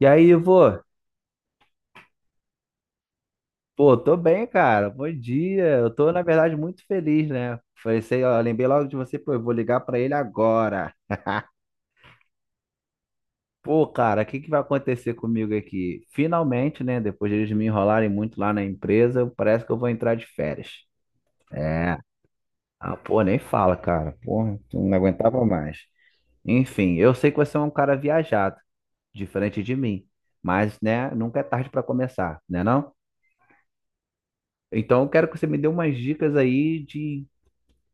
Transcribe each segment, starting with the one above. E aí, Ivo? Pô, tô bem, cara. Bom dia. Eu tô, na verdade, muito feliz, né? Pensei, ó, lembrei logo de você, pô, eu vou ligar pra ele agora. Pô, cara, o que que vai acontecer comigo aqui? Finalmente, né? Depois de eles me enrolarem muito lá na empresa, parece que eu vou entrar de férias. É. Ah, pô, nem fala, cara. Porra, eu não aguentava mais. Enfim, eu sei que você é um cara viajado, diferente de mim. Mas, né, nunca é tarde pra começar, né não? Então, eu quero que você me dê umas dicas aí de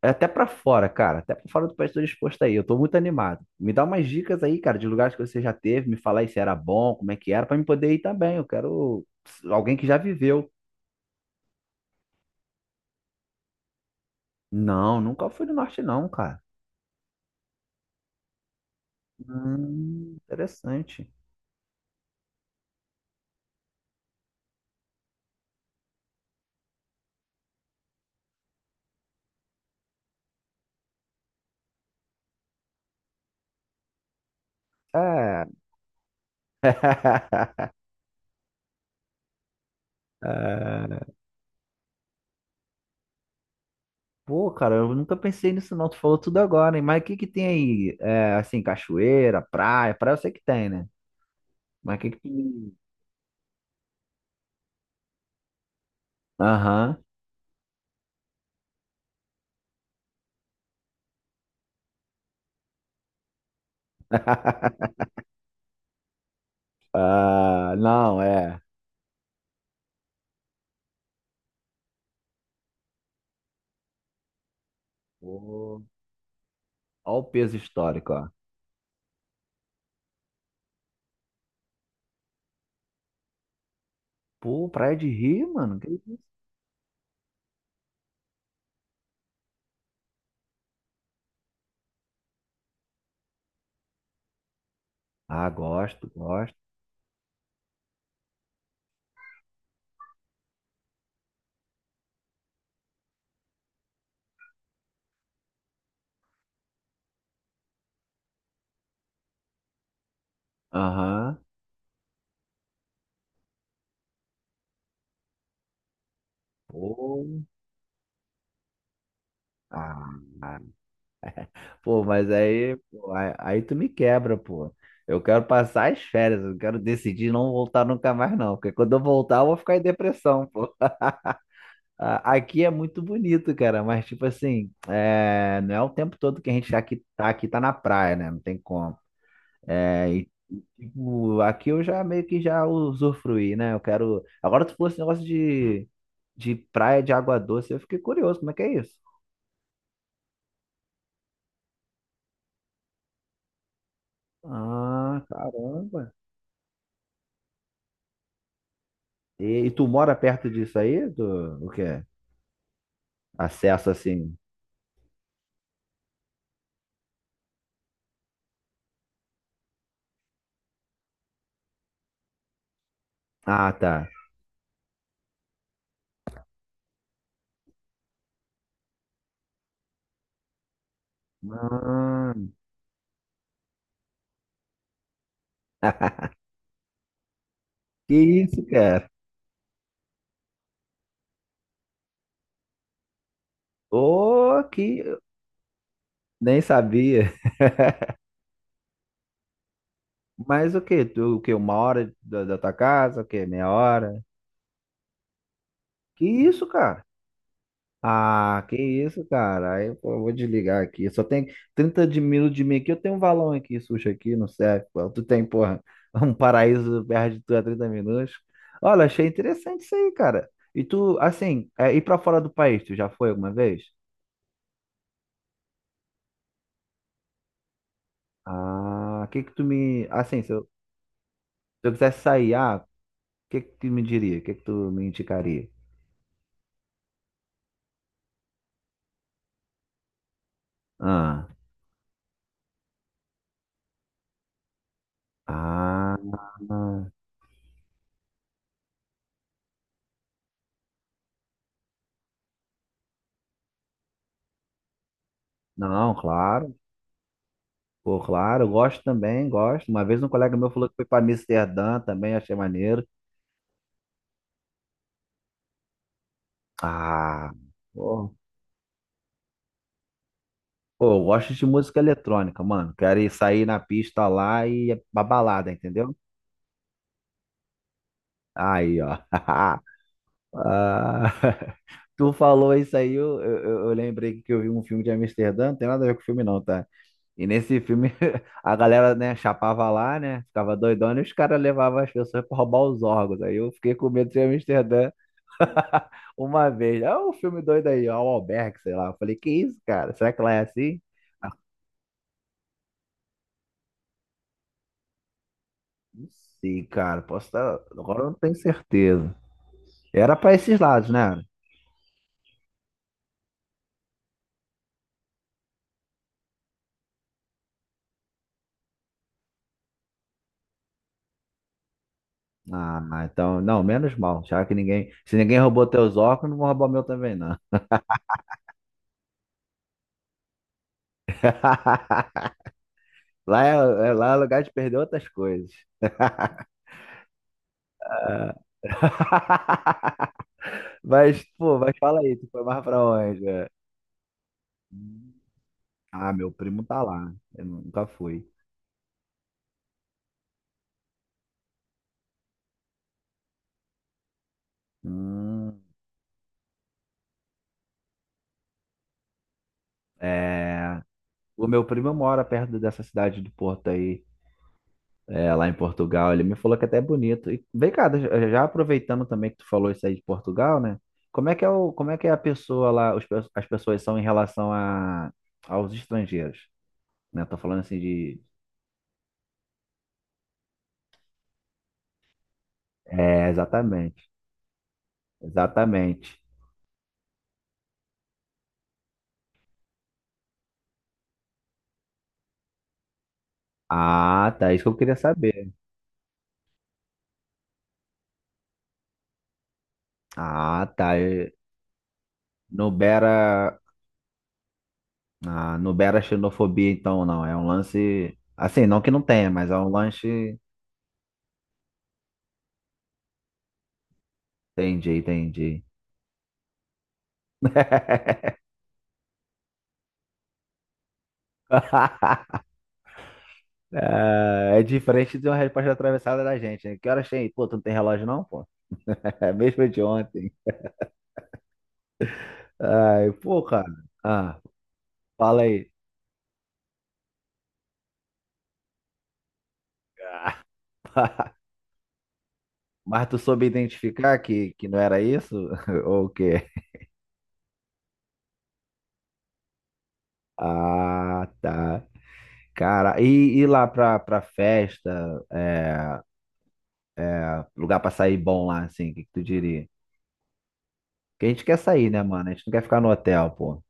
É até pra fora, cara. Até pra fora do país tô disposto aí. Eu tô muito animado. Me dá umas dicas aí, cara, de lugares que você já teve, me falar aí se era bom, como é que era, pra mim poder ir também. Eu quero alguém que já viveu. Não, nunca fui do norte, não, cara. Interessante. É. É. Pô, cara, eu nunca pensei nisso, não. Tu falou tudo agora, hein? Mas o que que tem aí? É, assim, cachoeira, praia. Praia eu sei que tem, né? Mas o que que. Aham. Ah, não, é. Pô. Olha o peso histórico, ó. Pô, praia de rio, mano. Que isso? Ah, gosto, gosto. Aham. Pô. Ah. Pô, mas aí, pô, aí tu me quebra, pô. Eu quero passar as férias, eu quero decidir não voltar nunca mais, não. Porque quando eu voltar, eu vou ficar em depressão, pô. A- Aqui é muito bonito, cara, mas tipo assim, é, não é o tempo todo que a gente tá aqui, tá na praia, né? Não tem como. É, e, tipo, aqui eu já meio que já usufruí, né? Eu quero. Agora, se fosse negócio de praia de água doce, eu fiquei curioso, como é que é isso? Ah, caramba. E tu mora perto disso aí? Do, o quê? Acesso assim. Ah, tá. Ah, que isso, cara? Ô, que nem sabia. Mas o quê? Tu, o quê? Uma hora da, da tua casa? O quê? Meia hora? Que isso, cara? Ah, que isso, cara. Aí, pô, eu vou desligar aqui. Só tem 30 de minutos de mim aqui. Eu tenho um valão aqui, sushi aqui, não serve, pô. Tu tem, porra, um paraíso perto de tu a 30 minutos. Olha, achei interessante isso aí, cara. E tu, assim, é, ir pra fora do país, tu já foi alguma vez? Ah, o que que tu me. Assim, se eu, se eu quisesse sair, ah, o que que tu me diria? O que que tu me indicaria? Ah, ah, não, claro. Pô, claro, eu gosto também, gosto. Uma vez um colega meu falou que foi pra Amsterdã também, achei maneiro. Ah, pô, pô, eu gosto de música eletrônica, mano. Quero ir sair na pista lá e ir pra balada, entendeu? Aí, ó. Ah, tu falou isso aí, eu lembrei que eu vi um filme de Amsterdã, não tem nada a ver com o filme não, tá? E nesse filme a galera, né, chapava lá, né, ficava doidona e os caras levavam as pessoas pra roubar os órgãos. Aí eu fiquei com medo de Amsterdã. Uma vez. É o filme doido aí, ó, o Albergue, sei lá. Eu falei, que isso, cara? Será que lá é assim? Ah, não sei, cara. Posso estar. Agora eu não tenho certeza. Era pra esses lados, né? Ah, então, não, menos mal. Já que ninguém. Se ninguém roubou teus óculos, não vão roubar o meu também, não. Lá é, é- lá é lugar de perder outras coisas. Mas, pô, mas fala aí, tu foi mais pra onde, né? Hum. Ah, meu primo tá lá. Eu nunca fui. Hum, é. O meu primo mora perto dessa cidade do Porto aí, é, lá em Portugal. Ele me falou que até é bonito. E vem cá, já já aproveitando também que tu falou isso aí de Portugal, né? Como é que é o, como é que é a pessoa lá, os pe- as pessoas são em relação a, aos estrangeiros, né? Tô falando assim de, é, exatamente, exatamente. Ah, tá, isso que eu queria saber. Ah, tá, e não beira, ah, não beira xenofobia, então, não. É um lance, assim, não que não tenha, mas é um lance. Entendi, entendi. Ah, é diferente de uma resposta atravessada da gente, né? Que horas tem? Pô, tu não tem relógio não, pô? É mesmo de ontem. Ai, pô, cara. Ah, fala aí. Ah, mas tu soube identificar que não era isso? Ou o quê? Ah, tá. Cara, e lá pra, pra festa, é, lugar pra sair bom lá, assim, o que, que tu diria? Porque a gente quer sair, né, mano? A gente não quer ficar no hotel, pô.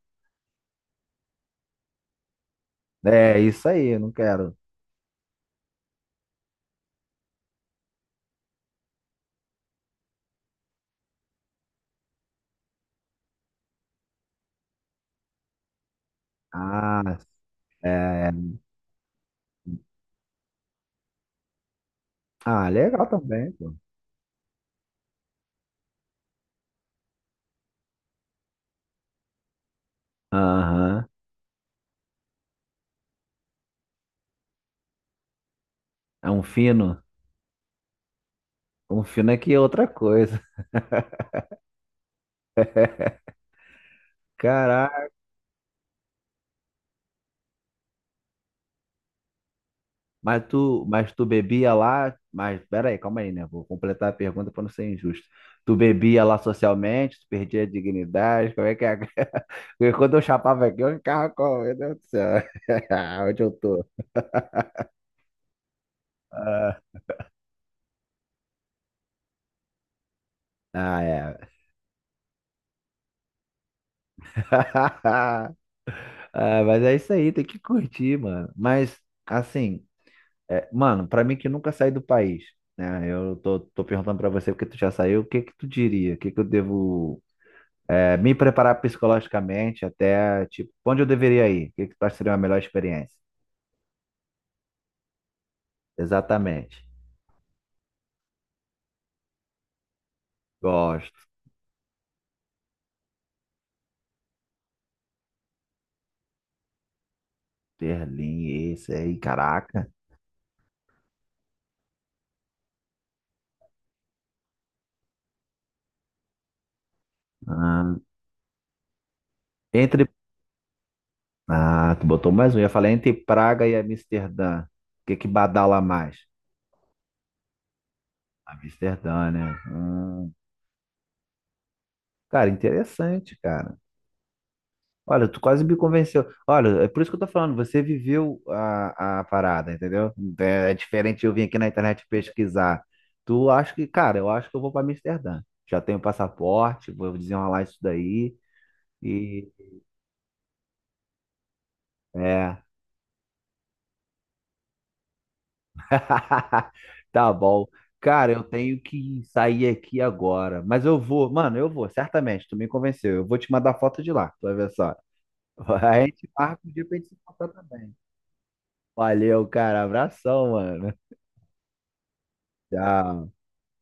É, isso aí, eu não quero. Ah, é. Ah, legal também, pô. Aham. É um fino. Um fino aqui é outra coisa. Caraca. Mas tu bebia lá. Mas pera aí, calma aí, né? Vou completar a pergunta para não ser injusto. Tu bebia lá socialmente, tu perdia a dignidade, como é que é? Porque quando eu chapava aqui, eu ficava com, meu Deus do céu. Onde eu tô? Ah, ah, é. Ah, mas é isso aí, tem que curtir, mano. Mas, assim. É, mano, pra mim que nunca saí do país, né? Eu tô perguntando pra você porque tu já saiu, o que que tu diria? O que que eu devo é, me preparar psicologicamente até, tipo, onde eu deveria ir? O que que tu acha que seria uma melhor experiência? Exatamente. Gosto. Berlim, esse aí, caraca. Ah, entre... Ah, tu botou mais um. Eu ia falar entre Praga e Amsterdã. O que que badala mais? Amsterdã, né? Cara, interessante, cara. Olha, tu quase me convenceu. Olha, é por isso que eu tô falando, você viveu a parada, entendeu? É, é diferente eu vir aqui na internet pesquisar. Tu acha que, cara, eu acho que eu vou pra Amsterdã. Já tenho passaporte, vou desenrolar isso daí e é. Tá bom. Cara, eu tenho que sair aqui agora, mas eu vou, mano, eu vou, certamente, tu me convenceu. Eu vou te mandar foto de lá, tu vai ver só. A gente marca um dia pra gente se encontrar também. Valeu, cara. Abração, mano. Tchau.